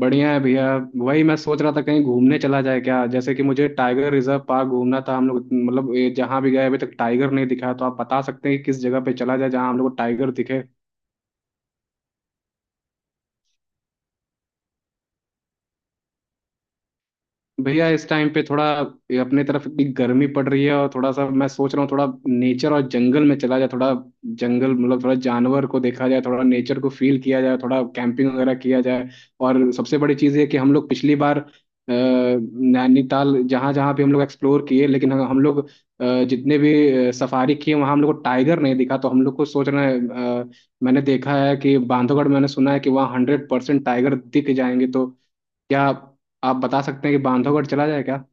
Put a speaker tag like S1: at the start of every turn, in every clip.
S1: बढ़िया है भैया। वही मैं सोच रहा था कहीं घूमने चला जाए क्या, जैसे कि मुझे टाइगर रिजर्व पार्क घूमना था। हम लोग मतलब ये जहाँ भी गए अभी तक टाइगर नहीं दिखा, तो आप बता सकते हैं कि किस जगह पे चला जाए जहाँ हम लोग को टाइगर दिखे। भैया इस टाइम पे थोड़ा, ये अपने तरफ इतनी गर्मी पड़ रही है और थोड़ा सा मैं सोच रहा हूँ थोड़ा नेचर और जंगल में चला जाए थोड़ा। जंगल मतलब थोड़ा जानवर को देखा जाए, थोड़ा नेचर को फील किया जाए, थोड़ा कैंपिंग वगैरह किया जाए। और सबसे बड़ी चीज़ ये कि हम लोग पिछली बार नैनीताल जहाँ जहाँ भी हम लोग एक्सप्लोर किए, लेकिन हम लोग जितने भी सफारी किए वहाँ हम लोग को टाइगर नहीं दिखा, तो हम लोग को सोच रहे हैं अ, मैंने देखा है कि बांधवगढ़, मैंने सुना है कि वहाँ हंड्रेड परसेंट टाइगर दिख जाएंगे। तो क्या आप बता सकते हैं कि बांधवगढ़ चला जाए क्या।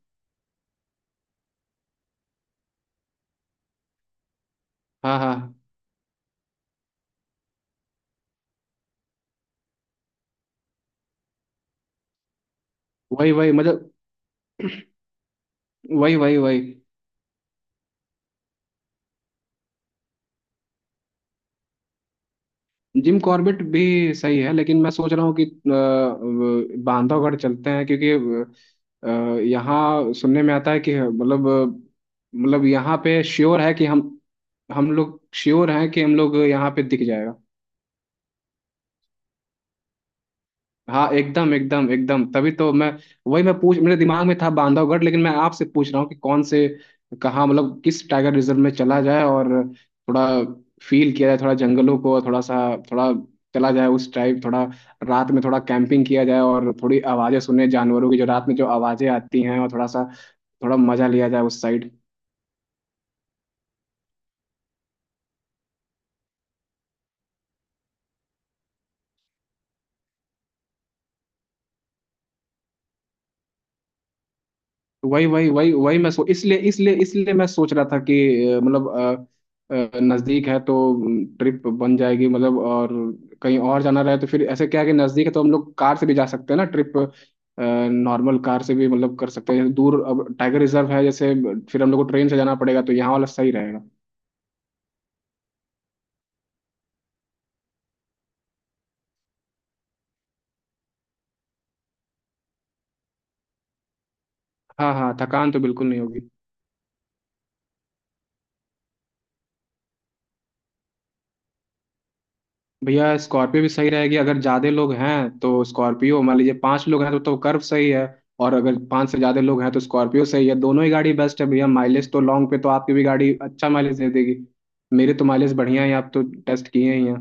S1: हाँ हाँ। वही वही मतलब, वही वही वही। जिम कॉर्बेट भी सही है, लेकिन मैं सोच रहा हूँ कि बांधवगढ़ चलते हैं क्योंकि यहाँ सुनने में आता है कि मतलब मतलब यहाँ पे श्योर है कि हम लोग श्योर हैं कि हम लोग यहाँ पे दिख जाएगा। हाँ एकदम एकदम एकदम, तभी तो मैं वही मैं पूछ, मेरे दिमाग में था बांधवगढ़, लेकिन मैं आपसे पूछ रहा हूँ कि कौन से, कहाँ मतलब किस टाइगर रिजर्व में चला जाए। और थोड़ा फील किया जाए थोड़ा जंगलों को, और थोड़ा सा थोड़ा चला जाए उस टाइप, थोड़ा रात में थोड़ा कैंपिंग किया जाए और थोड़ी आवाजें सुने जानवरों की, जो रात में जो आवाजें आती हैं, और थोड़ा सा थोड़ा मजा लिया जाए उस साइड। वही वही वही वही मैं सो इसलिए इसलिए इसलिए मैं सोच रहा था कि मतलब नजदीक है तो ट्रिप बन जाएगी मतलब। और कहीं और जाना रहे तो फिर ऐसे क्या है कि नजदीक है तो हम लोग कार से भी जा सकते हैं ना, ट्रिप नॉर्मल कार से भी मतलब कर सकते हैं। दूर अब टाइगर रिजर्व है जैसे, फिर हम लोग को ट्रेन से जाना पड़ेगा, तो यहाँ वाला सही रहेगा। हाँ हाँ, थकान तो बिल्कुल नहीं होगी। भैया स्कॉर्पियो भी सही रहेगी, अगर ज्यादा लोग हैं तो स्कॉर्पियो, मान लीजिए पांच लोग हैं तो कर्व सही है। और अगर पांच से ज्यादा लोग हैं तो स्कॉर्पियो सही है। दोनों ही गाड़ी बेस्ट है भैया, माइलेज तो लॉन्ग पे तो आपकी भी गाड़ी अच्छा माइलेज दे देगी। मेरे तो माइलेज बढ़िया है, आप तो टेस्ट किए ही हैं।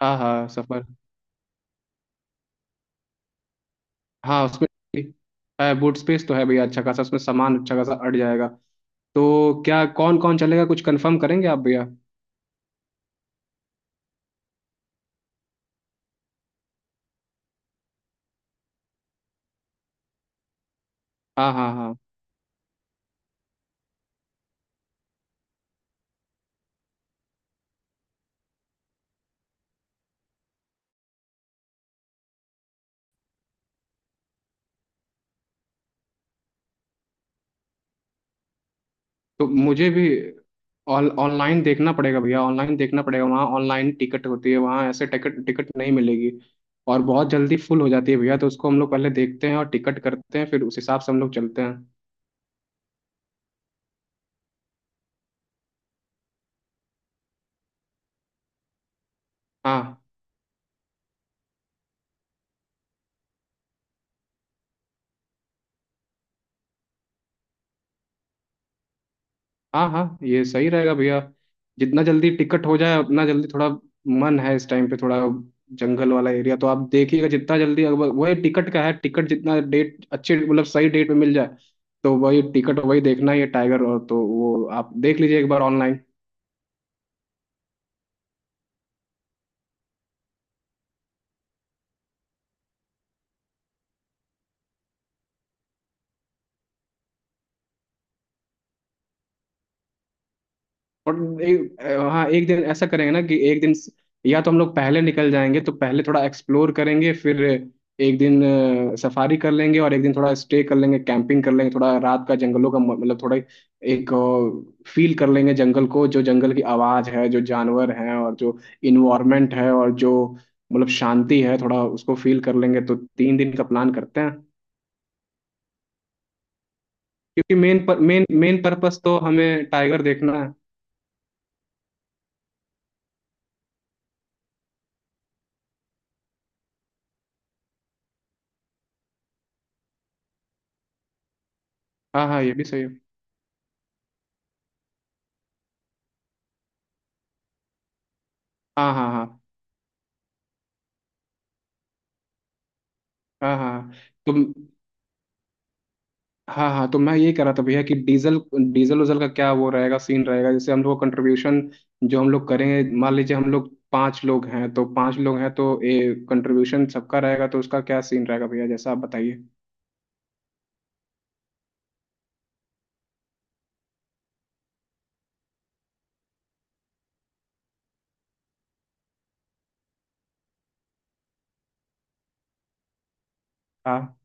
S1: हाँ हाँ, सफर। हाँ उसमें है, बूट स्पेस तो है भैया, अच्छा खासा, उसमें सामान अच्छा खासा अट जाएगा। तो क्या कौन कौन चलेगा कुछ कंफर्म करेंगे आप भैया। हाँ हाँ हाँ। तो मुझे भी ऑन ऑनलाइन देखना पड़ेगा भैया, ऑनलाइन देखना पड़ेगा, वहाँ ऑनलाइन टिकट होती है, वहाँ ऐसे टिकट टिकट नहीं मिलेगी। और बहुत जल्दी फुल हो जाती है भैया, तो उसको हम लोग पहले देखते हैं और टिकट करते हैं फिर उस हिसाब से हम लोग चलते हैं। हाँ हाँ हाँ, ये सही रहेगा भैया। जितना जल्दी टिकट हो जाए उतना जल्दी, थोड़ा मन है इस टाइम पे थोड़ा जंगल वाला एरिया, तो आप देखिएगा जितना जल्दी। वही टिकट का है, टिकट जितना डेट अच्छे मतलब सही डेट पे मिल जाए, तो वही टिकट, वही देखना ही है टाइगर। और तो वो आप देख लीजिए एक बार ऑनलाइन। और एक, हाँ एक दिन ऐसा करेंगे ना कि एक दिन या तो हम लोग पहले निकल जाएंगे तो पहले थोड़ा एक्सप्लोर करेंगे, फिर एक दिन सफारी कर लेंगे और एक दिन थोड़ा स्टे कर लेंगे, कैंपिंग कर लेंगे, थोड़ा रात का जंगलों का मतलब थोड़ा एक फील कर लेंगे जंगल को, जो जंगल की आवाज़ है, जो जानवर हैं, और जो इन्वायरमेंट है, और जो मतलब शांति है, थोड़ा उसको फील कर लेंगे। तो तीन दिन का प्लान करते हैं, क्योंकि मेन पर मेन मेन पर्पस तो हमें टाइगर देखना है। हाँ हाँ ये भी सही है। हाँ हाँ हाँ हाँ हाँ। तो हाँ हाँ, तो मैं ये कह रहा था भैया कि डीजल डीजल उजल का क्या वो रहेगा सीन, रहेगा जैसे हम लोग कंट्रीब्यूशन जो हम लोग करेंगे, मान लीजिए हम लोग पांच लोग हैं तो पांच लोग हैं तो ये कंट्रीब्यूशन सबका रहेगा, तो उसका क्या सीन रहेगा भैया, जैसा आप बताइए। हाँ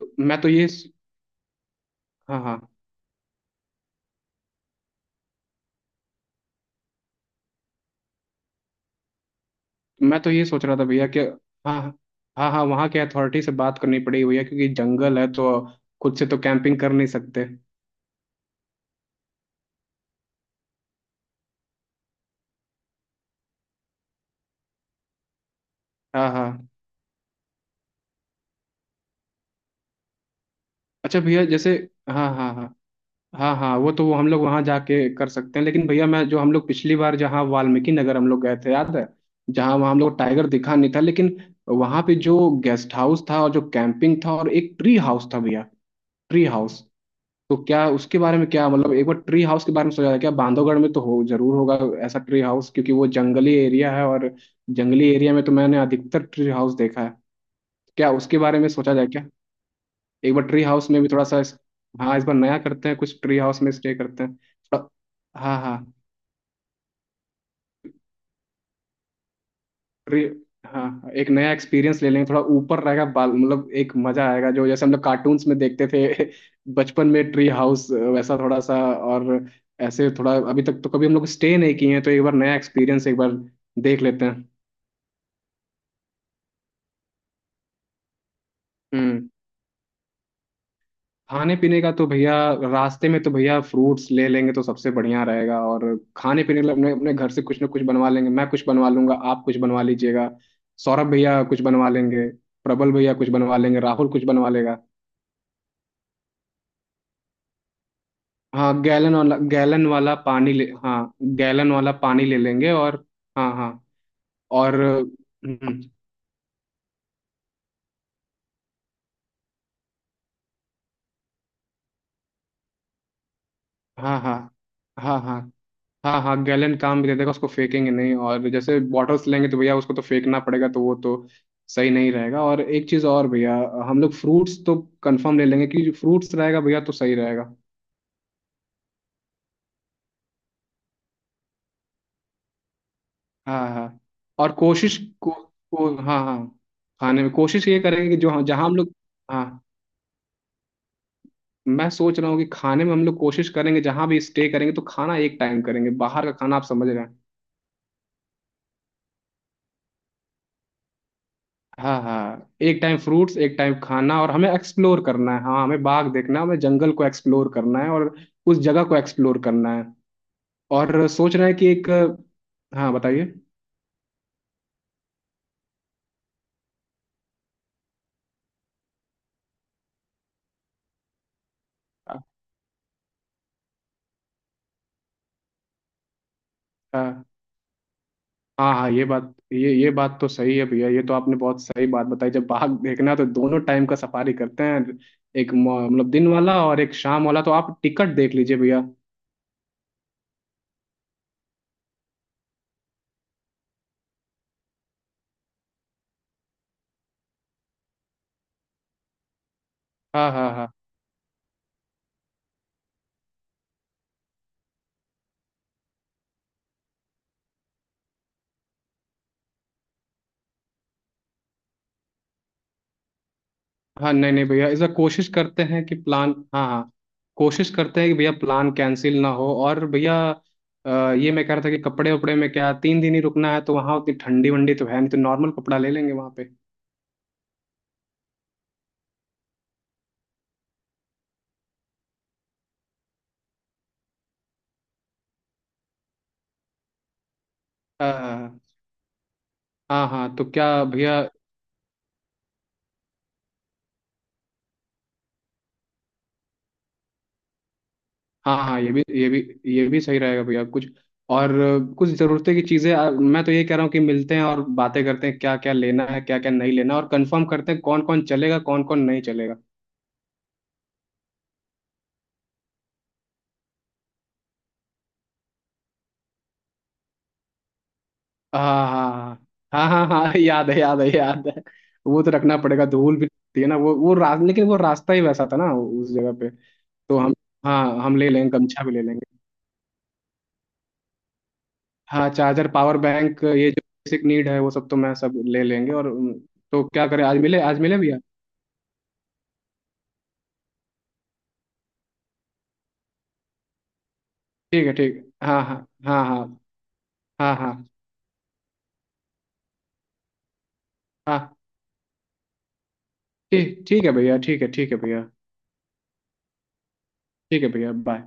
S1: तो मैं तो ये हाँ हाँ, तो मैं तो ये सोच रहा था भैया कि हाँ हाँ। हाँ हाँ, वहाँ के अथॉरिटी से बात करनी पड़ेगी भैया, क्योंकि जंगल है तो खुद से तो कैंपिंग कर नहीं सकते। हाँ हाँ। अच्छा भैया, जैसे। हाँ हाँ हाँ। हाँ हाँ, वो तो वो हम लोग वहां जाके कर सकते हैं, लेकिन भैया मैं जो हम लोग पिछली बार जहाँ वाल्मीकि नगर हम लोग गए थे याद है, जहाँ वहाँ हम लोग टाइगर दिखा नहीं था, लेकिन वहां पे जो गेस्ट हाउस था और जो कैंपिंग था और एक ट्री हाउस था भैया, ट्री हाउस। तो क्या उसके बारे में, क्या मतलब एक बार ट्री हाउस के बारे में सोचा था क्या, बांधवगढ़ में तो हो जरूर होगा ऐसा ट्री हाउस, क्योंकि वो जंगली एरिया है और जंगली एरिया में तो मैंने अधिकतर ट्री हाउस देखा है। क्या उसके बारे में सोचा जाए क्या। एक बार ट्री हाउस में भी थोड़ा सा हाँ इस बार नया करते हैं कुछ, ट्री हाउस में स्टे करते हैं थोड़ा। हाँ हाँ। ट्री हाँ एक नया एक्सपीरियंस ले लेंगे, थोड़ा ऊपर रहेगा बाल मतलब एक मजा आएगा, जो जैसे हम लोग कार्टून्स में देखते थे बचपन में, ट्री हाउस वैसा थोड़ा सा। और ऐसे थोड़ा अभी तक तो कभी हम लोग स्टे नहीं किए हैं, तो एक बार नया एक्सपीरियंस एक बार देख लेते हैं। हम्म। खाने पीने का तो भैया, रास्ते में तो भैया फ्रूट्स ले लेंगे तो सबसे बढ़िया रहेगा। और खाने पीने के लिए अपने अपने घर से कुछ ना कुछ बनवा लेंगे, मैं कुछ बनवा लूंगा, आप कुछ बनवा लीजिएगा, सौरभ भैया कुछ बनवा लेंगे, प्रबल भैया कुछ बनवा लेंगे, राहुल कुछ बनवा लेगा। हाँ गैलन वाला, गैलन वाला पानी ले हाँ गैलन वाला पानी ले लेंगे। और हाँ हाँ। और हाँ हाँ हाँ हाँ। हाँ हाँ, गैलेंट काम भी दे देगा, उसको फेंकेंगे नहीं। और जैसे बॉटल्स लेंगे तो भैया उसको तो फेंकना पड़ेगा, तो वो तो सही नहीं रहेगा। और एक चीज़ और भैया, हम लोग फ्रूट्स तो कंफर्म ले लेंगे कि फ्रूट्स रहेगा भैया तो सही रहेगा। हाँ हाँ। और कोशिश को, को हाँ हाँ। खाने में कोशिश ये करेंगे कि जो, हाँ, जहाँ हम लोग, हाँ मैं सोच रहा हूँ कि खाने में हम लोग कोशिश करेंगे जहाँ भी स्टे करेंगे तो खाना एक टाइम करेंगे बाहर का खाना, आप समझ रहे हैं। हाँ हाँ, एक टाइम फ्रूट्स, एक टाइम खाना, और हमें एक्सप्लोर करना है। हाँ हमें बाग देखना है, हमें जंगल को एक्सप्लोर करना है और उस जगह को एक्सप्लोर करना है। और सोच रहे हैं कि एक, हाँ बताइए। हाँ हाँ हाँ, ये बात ये बात तो सही है भैया, ये तो आपने बहुत सही बात बताई। जब बाघ देखना है तो दोनों टाइम का सफारी करते हैं, एक मतलब दिन वाला और एक शाम वाला। तो आप टिकट देख लीजिए भैया। हाँ हाँ हाँ हाँ। नहीं नहीं भैया इस बार कोशिश करते हैं कि प्लान, हाँ हाँ, कोशिश करते हैं कि भैया प्लान कैंसिल ना हो। और भैया ये मैं कह रहा था कि कपड़े उपड़े में क्या, तीन दिन ही रुकना है तो वहाँ उतनी ठंडी वंडी तो है नहीं, तो नॉर्मल कपड़ा ले लेंगे वहाँ पे। हाँ हाँ हाँ, तो क्या भैया। हाँ हाँ ये भी ये भी सही रहेगा भैया कुछ। और कुछ ज़रूरतें की चीज़ें, मैं तो ये कह रहा हूँ कि मिलते हैं और बातें करते हैं, क्या क्या लेना है क्या क्या नहीं लेना, और कंफर्म करते हैं कौन कौन चलेगा कौन कौन नहीं चलेगा। हाँ हाँ हाँ हाँ हाँ, हाँ, याद है याद है याद है। वो तो रखना पड़ेगा, धूल भी थी ना, लेकिन वो रास्ता ही वैसा था ना उस जगह पे। तो हम, हाँ हम ले लेंगे, गमछा भी ले लेंगे। हाँ चार्जर, पावर बैंक, ये जो बेसिक नीड है वो सब तो मैं, सब ले लेंगे। और तो क्या करें, आज मिले भैया। ठीक है, ठीक है। हाँ हाँ हाँ हाँ हाँ हाँ हाँ। ठीक, ठीक है भैया, ठीक है, ठीक है भैया। ठीक है भैया, बाय।